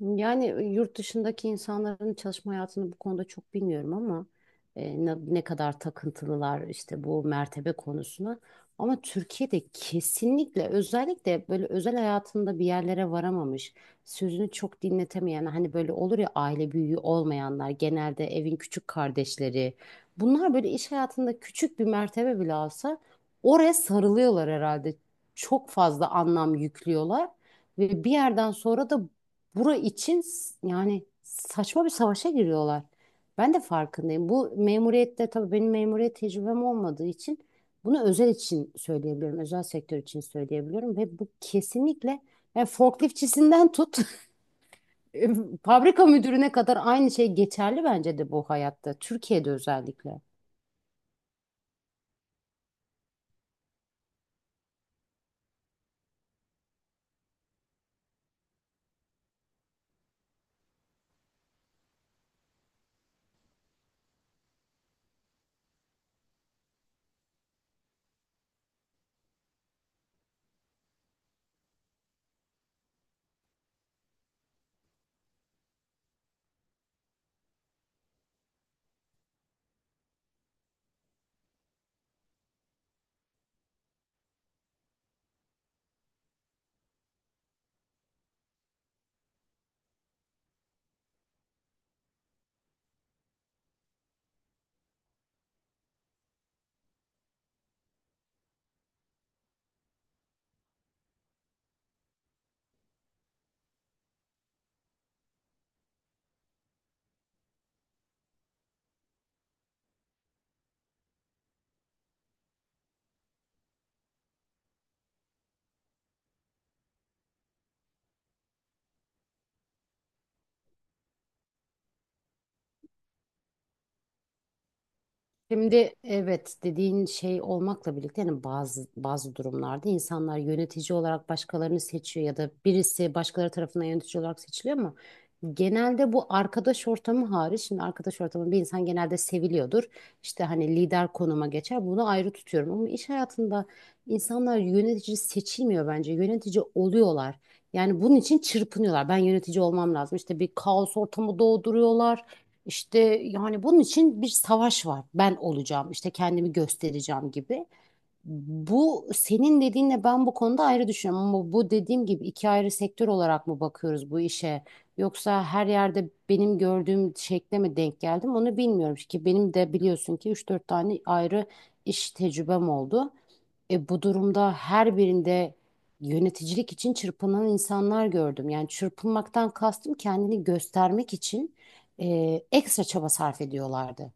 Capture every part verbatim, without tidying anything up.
Yani yurt dışındaki insanların çalışma hayatını bu konuda çok bilmiyorum ama e, ne, ne kadar takıntılılar işte bu mertebe konusuna. Ama Türkiye'de kesinlikle, özellikle böyle özel hayatında bir yerlere varamamış, sözünü çok dinletemeyen, hani böyle olur ya, aile büyüğü olmayanlar, genelde evin küçük kardeşleri. Bunlar böyle iş hayatında küçük bir mertebe bile alsa oraya sarılıyorlar herhalde. Çok fazla anlam yüklüyorlar. Ve bir yerden sonra da bura için s- yani saçma bir savaşa giriyorlar. Ben de farkındayım. Bu memuriyette, tabii benim memuriyet tecrübem olmadığı için bunu özel için söyleyebiliyorum. Özel sektör için söyleyebiliyorum ve bu kesinlikle, yani forkliftçisinden tut fabrika müdürüne kadar aynı şey geçerli bence de bu hayatta. Türkiye'de özellikle. Şimdi, evet, dediğin şey olmakla birlikte, yani bazı bazı durumlarda insanlar yönetici olarak başkalarını seçiyor ya da birisi başkaları tarafından yönetici olarak seçiliyor, ama genelde bu arkadaş ortamı hariç. Şimdi, arkadaş ortamı, bir insan genelde seviliyordur. İşte hani lider konuma geçer, bunu ayrı tutuyorum, ama iş hayatında insanlar yönetici seçilmiyor bence, yönetici oluyorlar. Yani bunun için çırpınıyorlar. Ben yönetici olmam lazım. İşte bir kaos ortamı doğduruyorlar. İşte yani bunun için bir savaş var. Ben olacağım, işte kendimi göstereceğim gibi. Bu senin dediğinle ben bu konuda ayrı düşünüyorum, ama bu dediğim gibi iki ayrı sektör olarak mı bakıyoruz bu işe? Yoksa her yerde benim gördüğüm şekle mi denk geldim, onu bilmiyorum ki. Benim de biliyorsun ki üç dört tane ayrı iş tecrübem oldu. E, bu durumda her birinde yöneticilik için çırpınan insanlar gördüm. Yani çırpınmaktan kastım, kendini göstermek için e, ekstra çaba sarf ediyorlardı.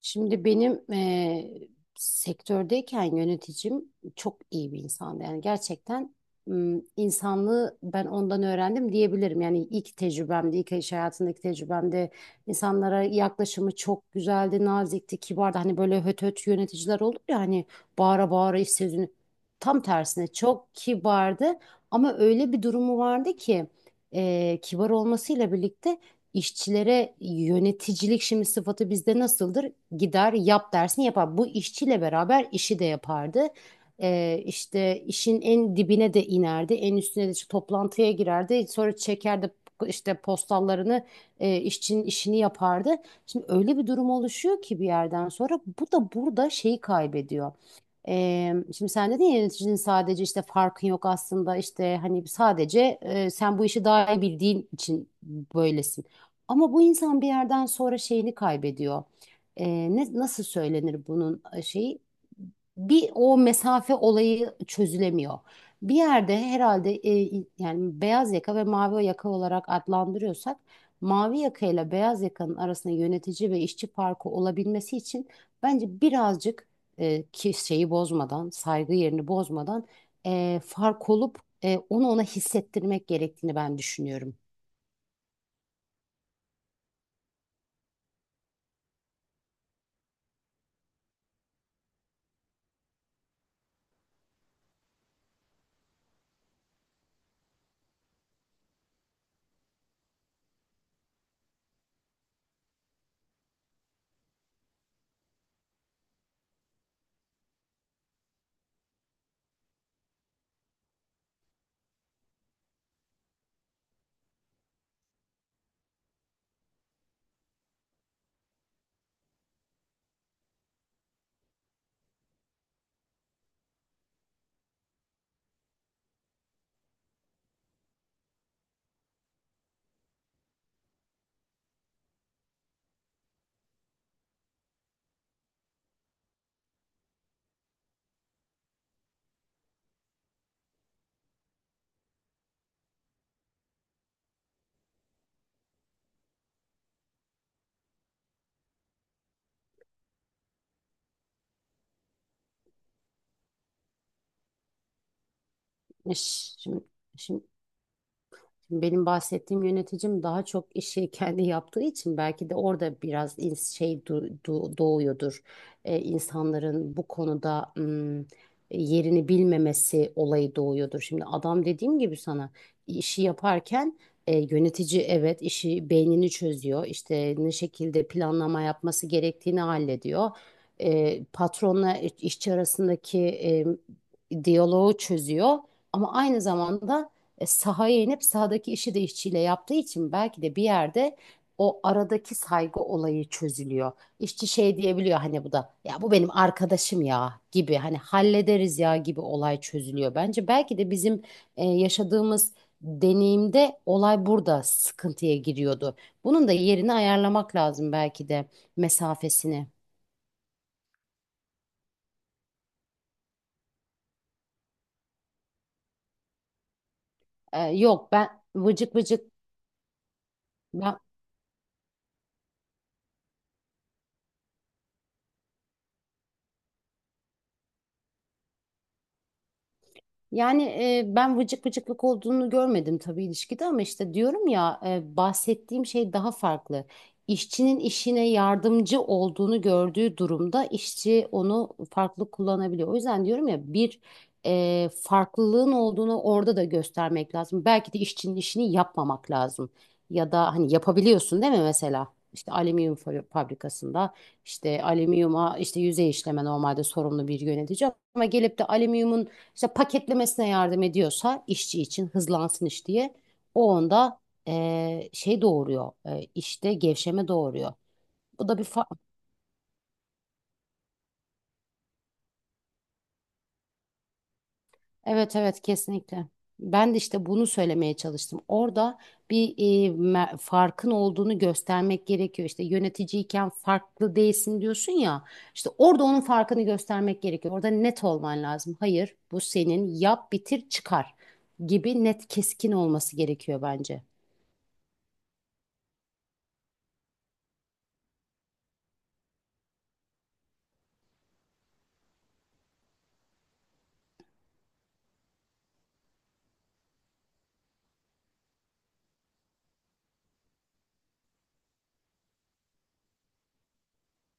Şimdi benim eee, sektördeyken yöneticim çok iyi bir insandı. Yani gerçekten m, insanlığı ben ondan öğrendim diyebilirim. Yani ilk tecrübemde, ilk iş hayatındaki tecrübemde insanlara yaklaşımı çok güzeldi, nazikti, kibardı. Hani böyle höt höt yöneticiler olur ya, hani bağıra bağıra iş sözünü. Tam tersine çok kibardı, ama öyle bir durumu vardı ki eee, kibar olmasıyla birlikte İşçilere yöneticilik, şimdi sıfatı bizde nasıldır? Gider yap dersin, yapar. Bu işçiyle beraber işi de yapardı. Ee, işte işin en dibine de inerdi. En üstüne de işte toplantıya girerdi. Sonra çekerdi işte postallarını, e, işçinin işini yapardı. Şimdi öyle bir durum oluşuyor ki bir yerden sonra bu da burada şeyi kaybediyor. Ee, şimdi sen dedin ya, yöneticinin sadece, işte farkın yok aslında, işte hani sadece e, sen bu işi daha iyi bildiğin için böylesin. Ama bu insan bir yerden sonra şeyini kaybediyor. Ee, ne, nasıl söylenir bunun e, şeyi? Bir o mesafe olayı çözülemiyor. Bir yerde herhalde e, yani beyaz yaka ve mavi yaka olarak adlandırıyorsak, mavi yaka ile beyaz yakanın arasında yönetici ve işçi farkı olabilmesi için bence birazcık e, ki şeyi bozmadan, saygı yerini bozmadan, e, fark olup e, onu ona hissettirmek gerektiğini ben düşünüyorum. Şimdi, şimdi Şimdi benim bahsettiğim yöneticim daha çok işi kendi yaptığı için belki de orada biraz ins- şey du- du- doğuyordur. Ee, insanların bu konuda ım, yerini bilmemesi olayı doğuyordur. Şimdi adam, dediğim gibi sana işi yaparken, e, yönetici evet işi beynini çözüyor. İşte ne şekilde planlama yapması gerektiğini hallediyor. E, patronla işçi arasındaki e, diyaloğu çözüyor. Ama aynı zamanda e, sahaya inip sahadaki işi de işçiyle yaptığı için belki de bir yerde o aradaki saygı olayı çözülüyor. İşçi şey diyebiliyor, hani bu da ya, bu benim arkadaşım ya gibi, hani hallederiz ya gibi olay çözülüyor. Bence belki de bizim e, yaşadığımız deneyimde olay burada sıkıntıya giriyordu. Bunun da yerini ayarlamak lazım belki de, mesafesini. E, yok ben vıcık vıcık ben Yani e, ben vıcık vıcıklık olduğunu görmedim tabii ilişkide, ama işte diyorum ya, e, bahsettiğim şey daha farklı. İşçinin işine yardımcı olduğunu gördüğü durumda işçi onu farklı kullanabiliyor. O yüzden diyorum ya, bir e, farklılığın olduğunu orada da göstermek lazım. Belki de işçinin işini yapmamak lazım. Ya da hani yapabiliyorsun değil mi mesela? İşte alüminyum fa- fabrikasında, işte alüminyuma işte yüzey işleme normalde sorumlu bir yönetici, ama gelip de alüminyumun işte paketlemesine yardım ediyorsa işçi için hızlansın iş diye, o onda eee, şey doğuruyor, eee, işte gevşeme doğuruyor. Bu da bir fa Evet, evet, kesinlikle. Ben de işte bunu söylemeye çalıştım. Orada bir eee, me- farkın olduğunu göstermek gerekiyor. İşte yöneticiyken farklı değilsin diyorsun ya. İşte orada onun farkını göstermek gerekiyor. Orada net olman lazım. Hayır, bu senin, yap, bitir, çıkar gibi net, keskin olması gerekiyor bence.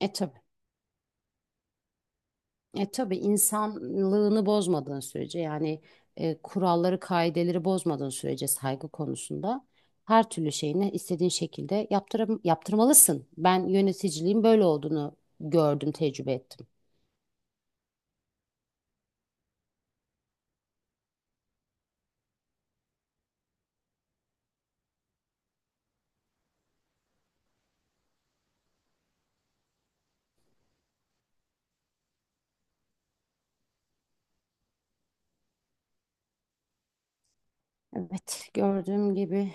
E tabii. E tabii, insanlığını bozmadığın sürece, yani e, kuralları, kaideleri bozmadığın sürece saygı konusunda her türlü şeyini istediğin şekilde yaptırım, yaptırmalısın. Ben yöneticiliğin böyle olduğunu gördüm, tecrübe ettim. Evet, gördüğüm gibi